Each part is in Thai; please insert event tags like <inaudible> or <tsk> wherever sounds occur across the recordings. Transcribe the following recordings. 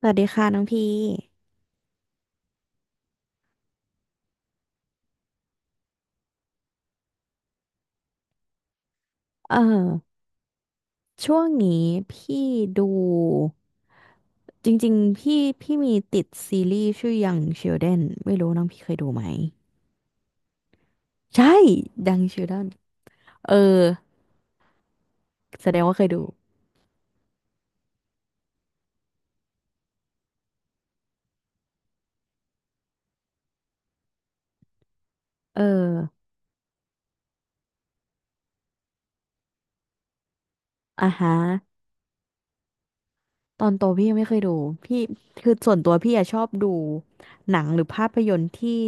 สวัสดีค่ะน้องพี่เออช่วงนี้พี่ดูจริงๆพี่พี่ติดซีรีส์ชื่อ Young Sheldon ไม่รู้น้องพี่เคยดูไหมใช่ Young Sheldon เออแสดงว่าเคยดูเอออ่ะฮะตอนโตพี่ยังไม่เคยดูพี่คือส่วนตัวพี่อะชอบดูหนังหรือภาพยนตร์ที่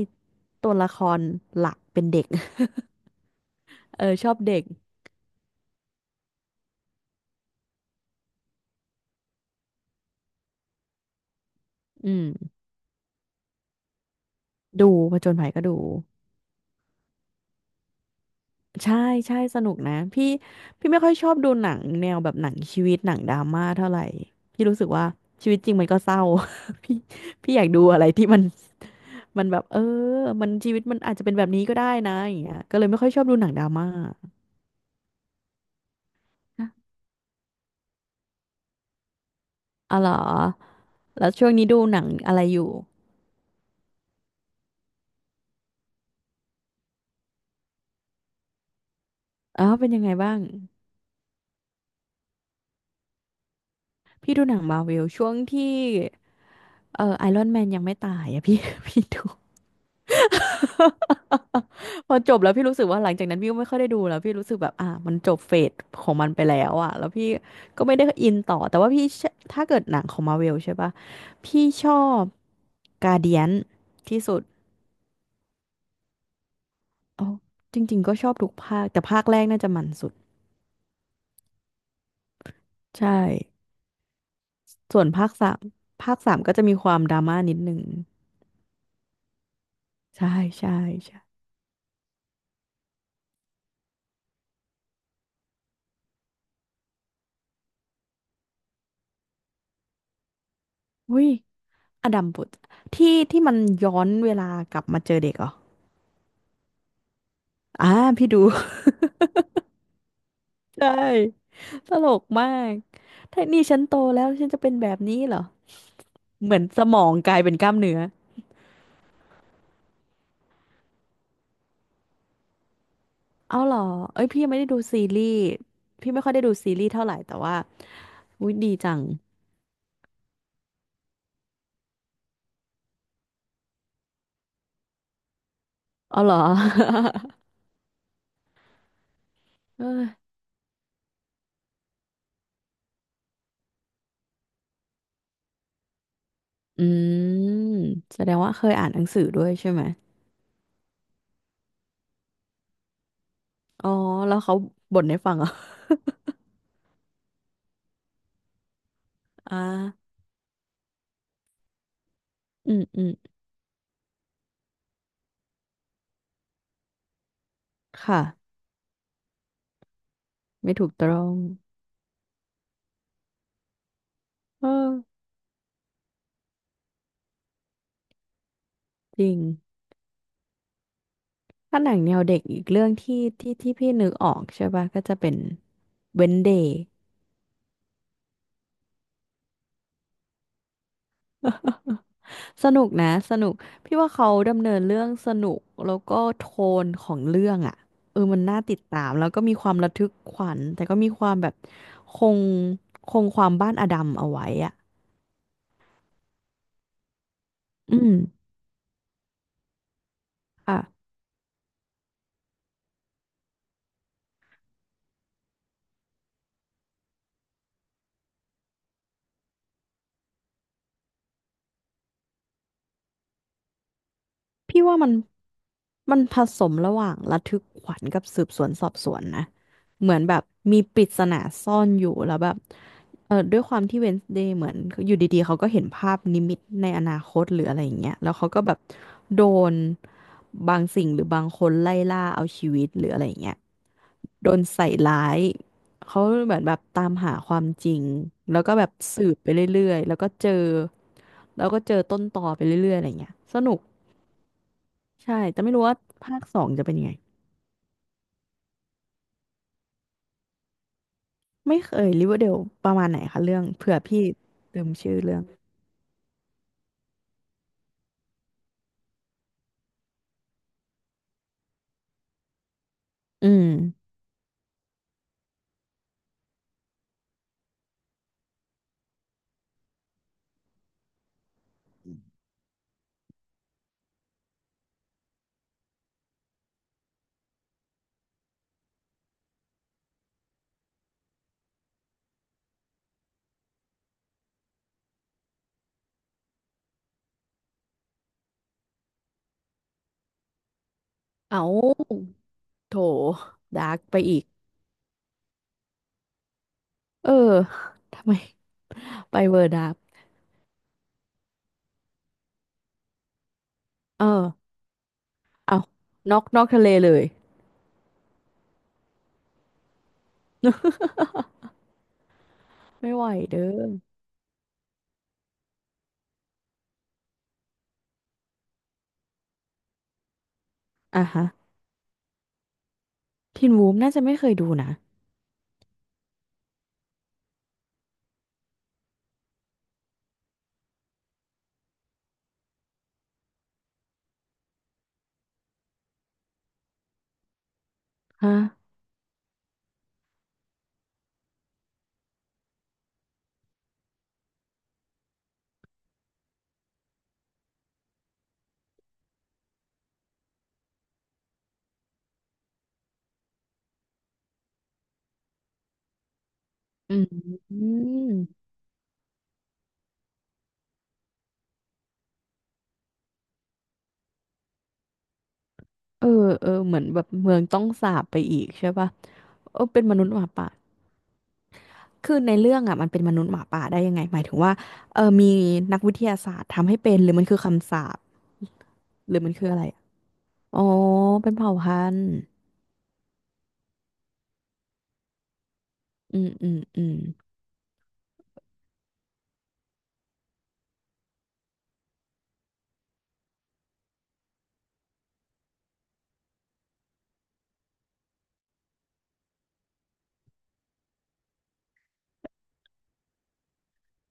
ตัวละครหลักเป็นเด็ก <laughs> เออชอบเด็กอืมดูผจญภัยก็ดู ใช่ใช่สนุกนะพี่พี่ไม่ค่อยชอบดูหนังแนวแบบหนังชีวิตหนังดราม่าเท่าไหร่พี่รู้สึกว่าชีวิตจริงมันก็เศร้า <laughs> พี่พี่อยากดูอะไรที่มันมันแบบมันชีวิตมันอาจจะเป็นแบบนี้ก็ได้นะอย่างเงี้ยก็เลยไม่ค่อยชอบดูหนังดราม่าอ๋อเหรอแล้วช่วงนี้ดูหนังอะไรอยู่อ๋อเป็นยังไงบ้างพี่ดูหนังมาร์วช่วงที่ไอรอนแมนยังไม่ตายอะพี่ <laughs> พี่ดู <laughs> พอจบแล้วพี่รู้สึกว่าหลังจากนั้นพี่ก็ไม่ค่อยได้ดูแล้วพี่รู้สึกแบบอ่ะมันจบเฟสของมันไปแล้วอ่ะแล้วพี่ก็ไม่ได้อินต่อแต่ว่าพี่เชื่อถ้าเกิดหนังของมาเวลใช่ปะพี่ชอบกาเดียนที่สุดอ๋อจริงๆก็ชอบทุกภาคแต่ภาคแรกน่าจะมันสุดใช่ส่วนภาคสามภาคสามก็จะมีความดราม่านิดนึงใช่ใช่ใช่อุ้ยอดัมบุตรที่ที่มันย้อนเวลากลับมาเจอเด็กเหรออ่าพี่ดู ใช่ตลกมากถ้านี่ฉันโตแล้วฉันจะเป็นแบบนี้เหรอ เหมือนสมองกลายเป็นกล้ามเนื้อ เอาเหรอเอ้ยพี่ยังไม่ได้ดูซีรีส์พี่ไม่ค่อยได้ดูซีรีส์เท่าไหร่แต่ว่าอุ๊ยดีจังเอาเหรอ <laughs> เอ้ยอืมแสดงว่าเคยอ่านหนังสือด้วยใช่ไหมอ๋อแล้วเขาบ่นให้ฟังเหรอ <laughs> อ่าอืมอืมค่ะไม่ถูกต้องเออจริง ถ้าหนังแนวเด็กอีกเรื่องที่ที่ที่พี่นึกออกใช่ป่ะก็จะเป็น Wednesday <laughs> สนุกนะสนุกพี่ว่าเขาดำเนินเรื่องสนุกแล้วก็โทนของเรื่องอ่ะมันน่าติดตามแล้วก็มีความระทึกขวัญแต่ก็มีความแบบคงคงความบ้านอดัมเอาไว้อ่ะอืมอ่ะพี่ว่ามัน มันผสมระหว่างระทึกขวัญกับสืบสวนสอบสวนนะเหมือนแบบมีปริศนาซ่อนอยู่แล้วแบบด้วยความที่เวนส์เดย์เหมือนอยู่ดีๆเขาก็เห็นภาพนิมิตในอนาคตหรืออะไรอย่างเงี้ยแล้วเขาก็แบบโดนบางสิ่งหรือบางคนไล่ล่าเอาชีวิตหรืออะไรอย่างเงี้ยโดนใส่ร้ายเขาเหมือนแบบตามหาความจริงแล้วก็แบบสืบไปเรื่อยๆแล้วก็เจอแล้วก็เจอต้นตอไปเรื่อยๆอะไรอย่างเงี้ยสนุกใช่แต่ไม่รู้ว่าภาคสองจะเป็นยังไง ไม่เคยริเวอร์เดลประมาณไหนคะเรื่องเผื่อพี่ลืมชื่อเรื่องอืมเอ้าโถดาร์กไปอีก เออทำไมไปเวอร์ดาร์กเออเอานอกนอกทะเลเลยไม่ไหวเด้ออ่ะฮะทีนวูฟน่าจะไม่เคยดูนะฮะอืมอืมเออเออเหมือนแบบเมืองต้องสาปไปอีกใช่ปะเออเป็นมนุษย์หมาป่าคือในเรื่องอ่ะมันเป็นมนุษย์หมาป่าได้ยังไงหมายถึงว่ามีนักวิทยาศาสตร์ทำให้เป็นหรือมันคือคำสาป หรือมันคืออะไรอะอ๋อเป็นเผ่าพันธุ์อืมอืมอืม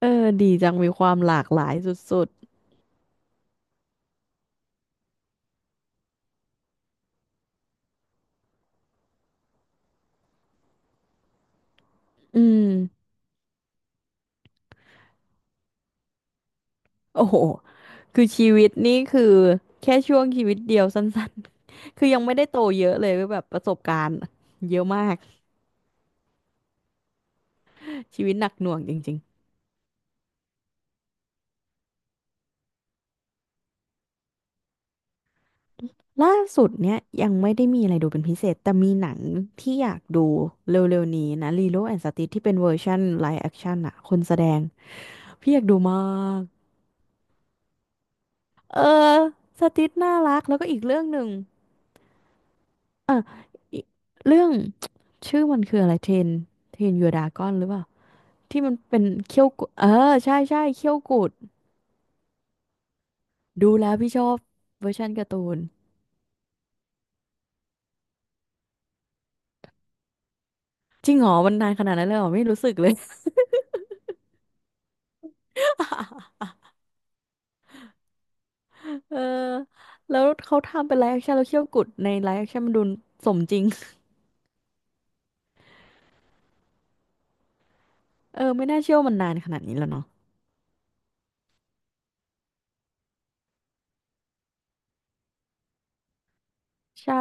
เออดีจังมีความหลากหลายสุดๆอืมโอ้โหคือชีวิตนี่คือแค่ช่วงชีวิตเดียวสั้นๆ <laughs> คือยังไม่ได้โตเยอะเลยก็แบบประสบการณ์เยอะมากชีวิตหนักหน่วงจริงๆล่าสุดเนี่ยยังไม่ได้มีอะไรดูเป็นพิเศษแต่มีหนังที่อยากดูเร็วๆนี้นะ Lilo and Stitch ที่เป็นเวอร์ชันไลฟ์แอคชั่นอะคนแสดงพี่อยากดูมาก เออสติสน่ารักแล้วก็อีกเรื่องหนึ่งอ่ะอีกเรื่อง <tsk> ชื่อมันคืออะไรเทนเทนยูดากอนหรือเปล่าที่มันเป็นเขี้ยวกุดเออใช่ใช่เขี้ยวกุดดูแล้วพี่ชอบเวอร์ชันการ์ตูนจริงเหรอมันนานขนาดนั้นเลยเหรอไม่รู้สึกเลย <laughs> เออแล้วเขาทำเป็นไลฟ์แอคชั่นแล้วเขี้ยวกุดในไลฟ์แอคชั่นมันดูสมจริง <laughs> เออไม่น่าเชื่อว่ามันนานขนาดนี้แล้วเนาะใช่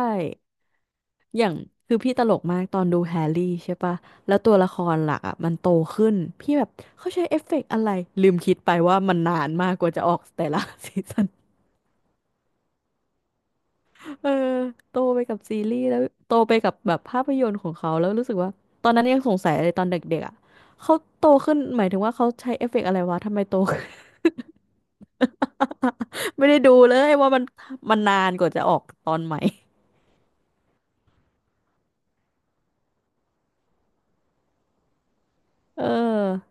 อย่างคือพี่ตลกมากตอนดูแฮร์รี่ใช่ปะแล้วตัวละครหลักอ่ะมันโตขึ้นพี่แบบเขาใช้เอฟเฟกต์อะไรลืมคิดไปว่ามันนานมากกว่าจะออกแต่ละ <laughs> ซีซันเออโตไปกับซีรีส์แล้วโตไปกับแบบภาพยนตร์ของเขาแล้วรู้สึกว่าตอนนั้นยังสงสัยเลยตอนเด็กๆอ่ะเขาโตขึ้นหมายถึงว่าเขาใช้เอฟเฟกต์อะไรวะทำไมโตขึ้น <laughs> ไม่ได้ดูเลยว่ามันมันนานกว่าจะออกตอนใหม่เออ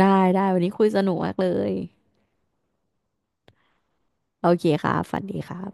ได้ได้วันนี้คุยสนุกมากเลยโอเคครับฝันดีครับ